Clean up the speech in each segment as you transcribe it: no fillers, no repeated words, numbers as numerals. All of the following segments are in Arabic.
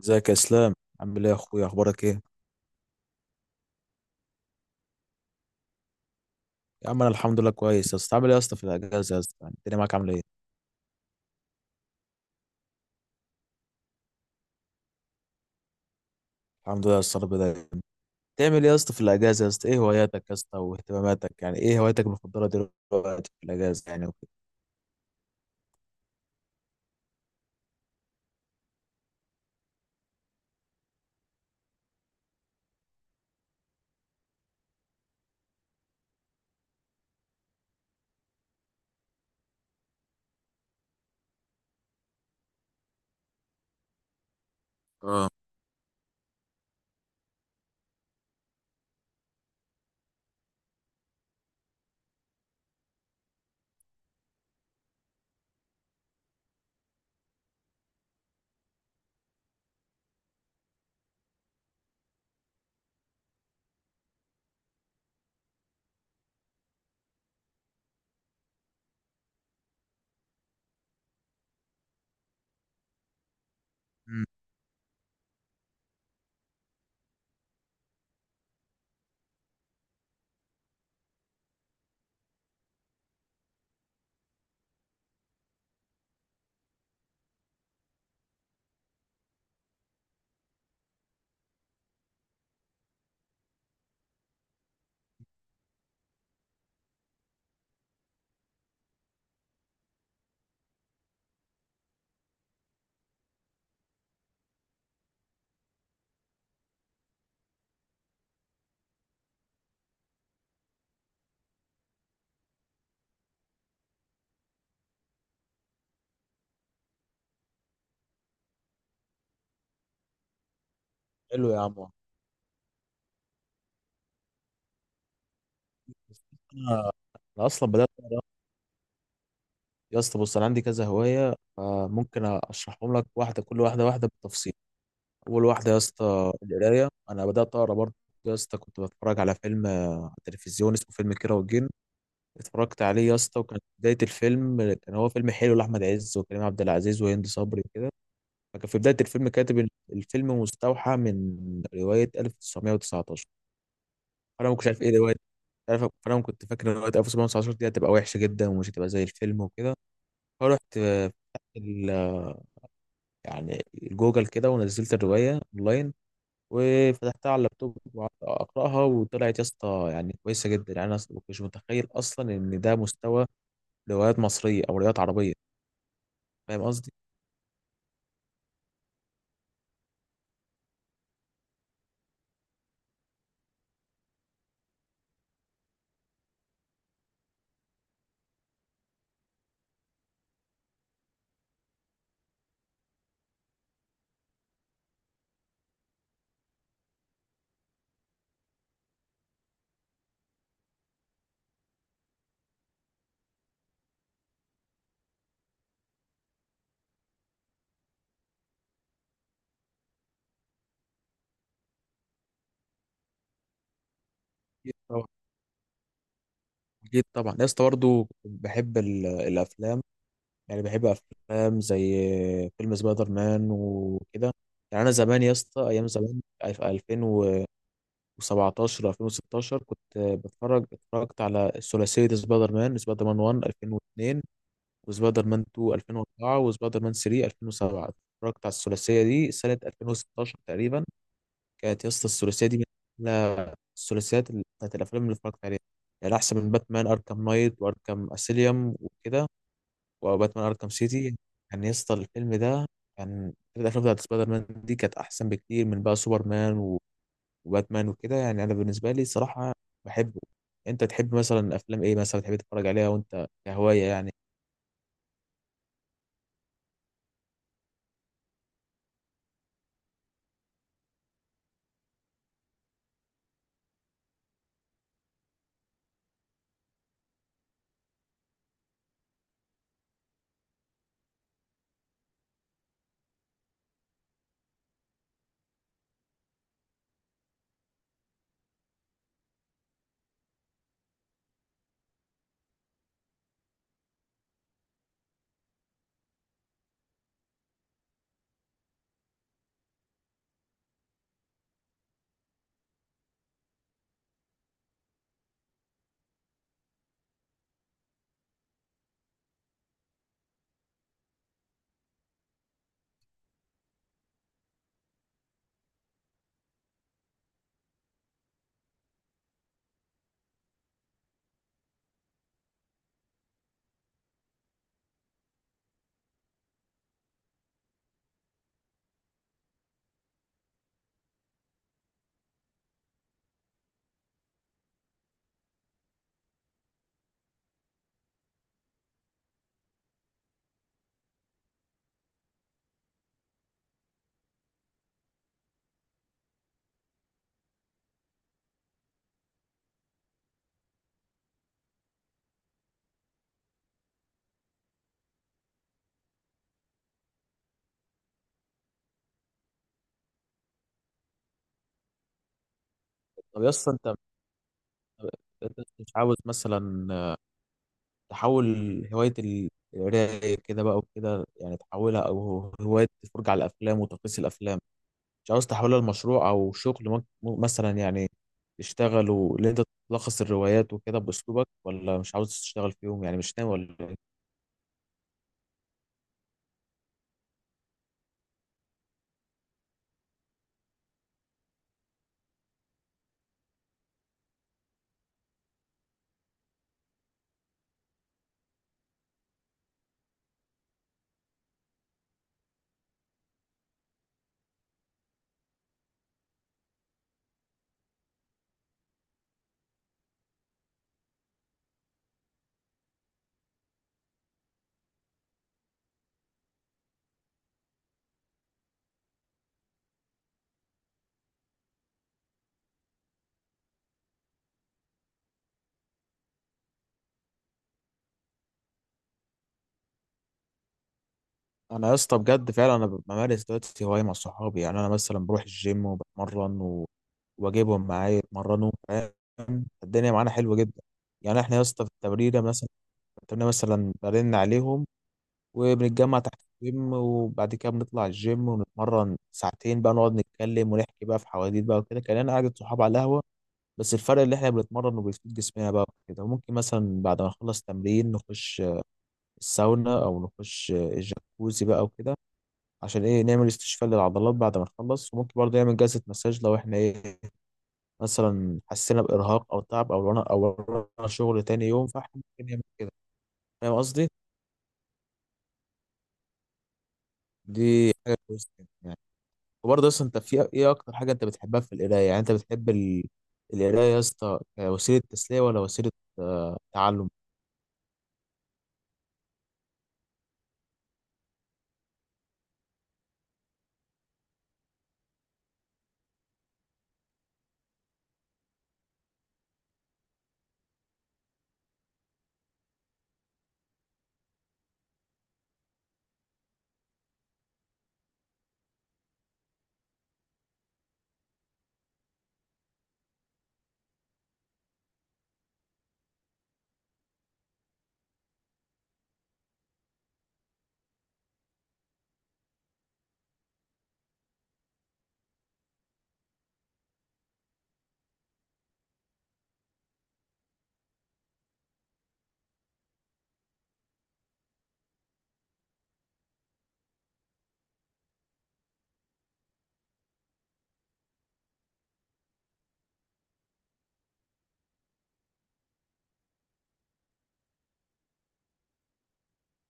ازيك يا اسلام؟ عامل ايه يا اخويا؟ اخبارك ايه؟ يا عم انا الحمد لله كويس يا اسطى. عامل ايه يا اسطى في الاجازه يا اسطى؟ يعني الدنيا معاك عامله ايه؟ الحمد لله يا اسطى، رب دايما. تعمل ايه يا اسطى في الاجازه يا اسطى؟ ايه هواياتك يا اسطى واهتماماتك؟ يعني ايه هواياتك المفضله دلوقتي في الاجازه يعني وكده؟ اه. مم. حلو يا عم. انا أنا اصلا بدات يا اسطى. بص انا عندي كذا هوايه فممكن اشرحهم لك كل واحده واحده بالتفصيل. اول واحده يا اسطى القرايه. انا بدات اقرا برضه يا اسطى. كنت بتفرج على فيلم على التلفزيون اسمه فيلم كيرة والجن. اتفرجت عليه يا اسطى، وكان في بدايه الفيلم كان هو فيلم حلو لاحمد عز وكريم عبد العزيز وهند صبري وكده. فكان في بدايه الفيلم كاتب إن الفيلم مستوحى من روايه 1919. فانا ما كنتش عارف ايه روايه فانا كنت فاكر ان روايه 1919 دي هتبقى وحشه جدا ومش هتبقى زي الفيلم وكده. فرحت ال... يعني جوجل كده، ونزلت الروايه اونلاين وفتحتها على اللابتوب وقعدت اقراها، وطلعت يا اسطى يعني كويسه جدا. يعني انا ما كنتش متخيل اصلا ان ده مستوى روايات مصريه او روايات عربيه. فاهم قصدي؟ أكيد طبعا. أكيد طبعا يا اسطى. برضه بحب الأفلام. يعني بحب أفلام زي فيلم سبايدر مان وكده. يعني أنا زمان يا اسطى أيام زمان، في 2017 2016 كنت بتفرج اتفرجت على ثلاثية سبايدر مان، سبايدر مان 1 2002 وسبايدر مان 2 2004 وسبايدر مان 3 2007. اتفرجت على الثلاثية دي سنة 2016 تقريبا. كانت يا اسطى الثلاثيه دي من أحلى الثلاثيات بتاعت الافلام اللي اتفرجت عليها. يعني احسن من باتمان اركام نايت واركام اسيليوم وكده، وباتمان اركام سيتي. يعني يا اسطى الفيلم ده، كان الافلام بتاعت سبايدر مان دي كانت احسن بكتير من بقى سوبرمان وباتمان وكده. يعني انا بالنسبه لي صراحه بحبه. انت تحب مثلا افلام ايه مثلا تحب تتفرج عليها وانت كهوايه يعني؟ طب يا اسطى أنت مش عاوز مثلا تحول هواية القراية كده بقى وكده، يعني تحولها، أو هواية الفرجة على الأفلام وتقييس الأفلام، مش عاوز تحولها لمشروع أو شغل ممكن مثلا يعني تشتغل؟ واللي أنت تلخص الروايات وكده بأسلوبك، ولا مش عاوز تشتغل فيهم يعني مش ناوي ولا إيه؟ أنا يا اسطى بجد فعلا أنا بمارس دلوقتي هواية مع صحابي. يعني أنا مثلا بروح الجيم وبتمرن واجيبهم معايا يتمرنوا، فاهم؟ الدنيا معانا حلوه جدا. يعني احنا يا اسطى في التمرينه مثلا، برن عليهم وبنتجمع تحت الجيم، وبعد كده بنطلع الجيم ونتمرن ساعتين بقى، نقعد نتكلم ونحكي بقى في حواديت بقى وكده كأننا قعدة صحاب على القهوة. بس الفرق اللي احنا بنتمرن وبنفيد جسمنا بقى وكده. ممكن مثلا بعد ما نخلص تمرين نخش الساونا او نخش الجاكوزي بقى وكده، عشان ايه؟ نعمل استشفاء للعضلات بعد ما نخلص. وممكن برضه نعمل جلسة مساج لو احنا ايه، مثلا حسينا بإرهاق او تعب او ورانا شغل تاني يوم، فاحنا ممكن نعمل كده. فاهم قصدي؟ دي حاجة كويسة. وبرضه اصلا انت في ايه اكتر حاجه انت بتحبها في القرايه؟ يعني انت بتحب القرايه يا اسطى كوسيله تسليه، ولا وسيله تعلم؟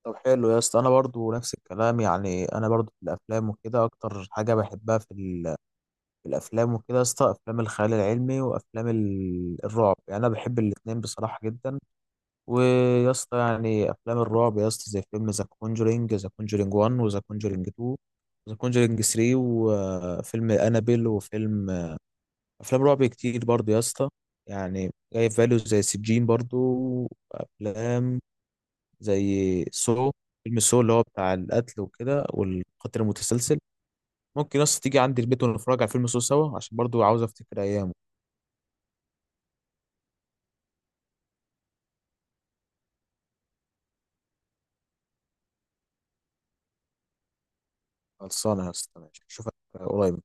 طب حلو يا اسطى. انا برضه نفس الكلام. يعني انا برضه في الافلام وكده، اكتر حاجه بحبها في الافلام وكده يا اسطى افلام الخيال العلمي وافلام الرعب. يعني انا بحب الاتنين بصراحه جدا. ويا اسطى يعني افلام الرعب يا اسطى، زي فيلم ذا كونجرينج 1 وذا كونجرينج 2 ذا كونجرينج 3 وفيلم انابيل، افلام رعب كتير برضو يا اسطى. يعني جاي في فاليو زي سجين برضو، افلام زي سو، فيلم سو اللي هو بتاع القتل وكده والقتل المتسلسل. ممكن يا اسطى تيجي عندي البيت ونتفرج على فيلم سو سوا، عشان برضو عاوز افتكر ايامه. خلصانه يا اسطى. ماشي، اشوفك قريب.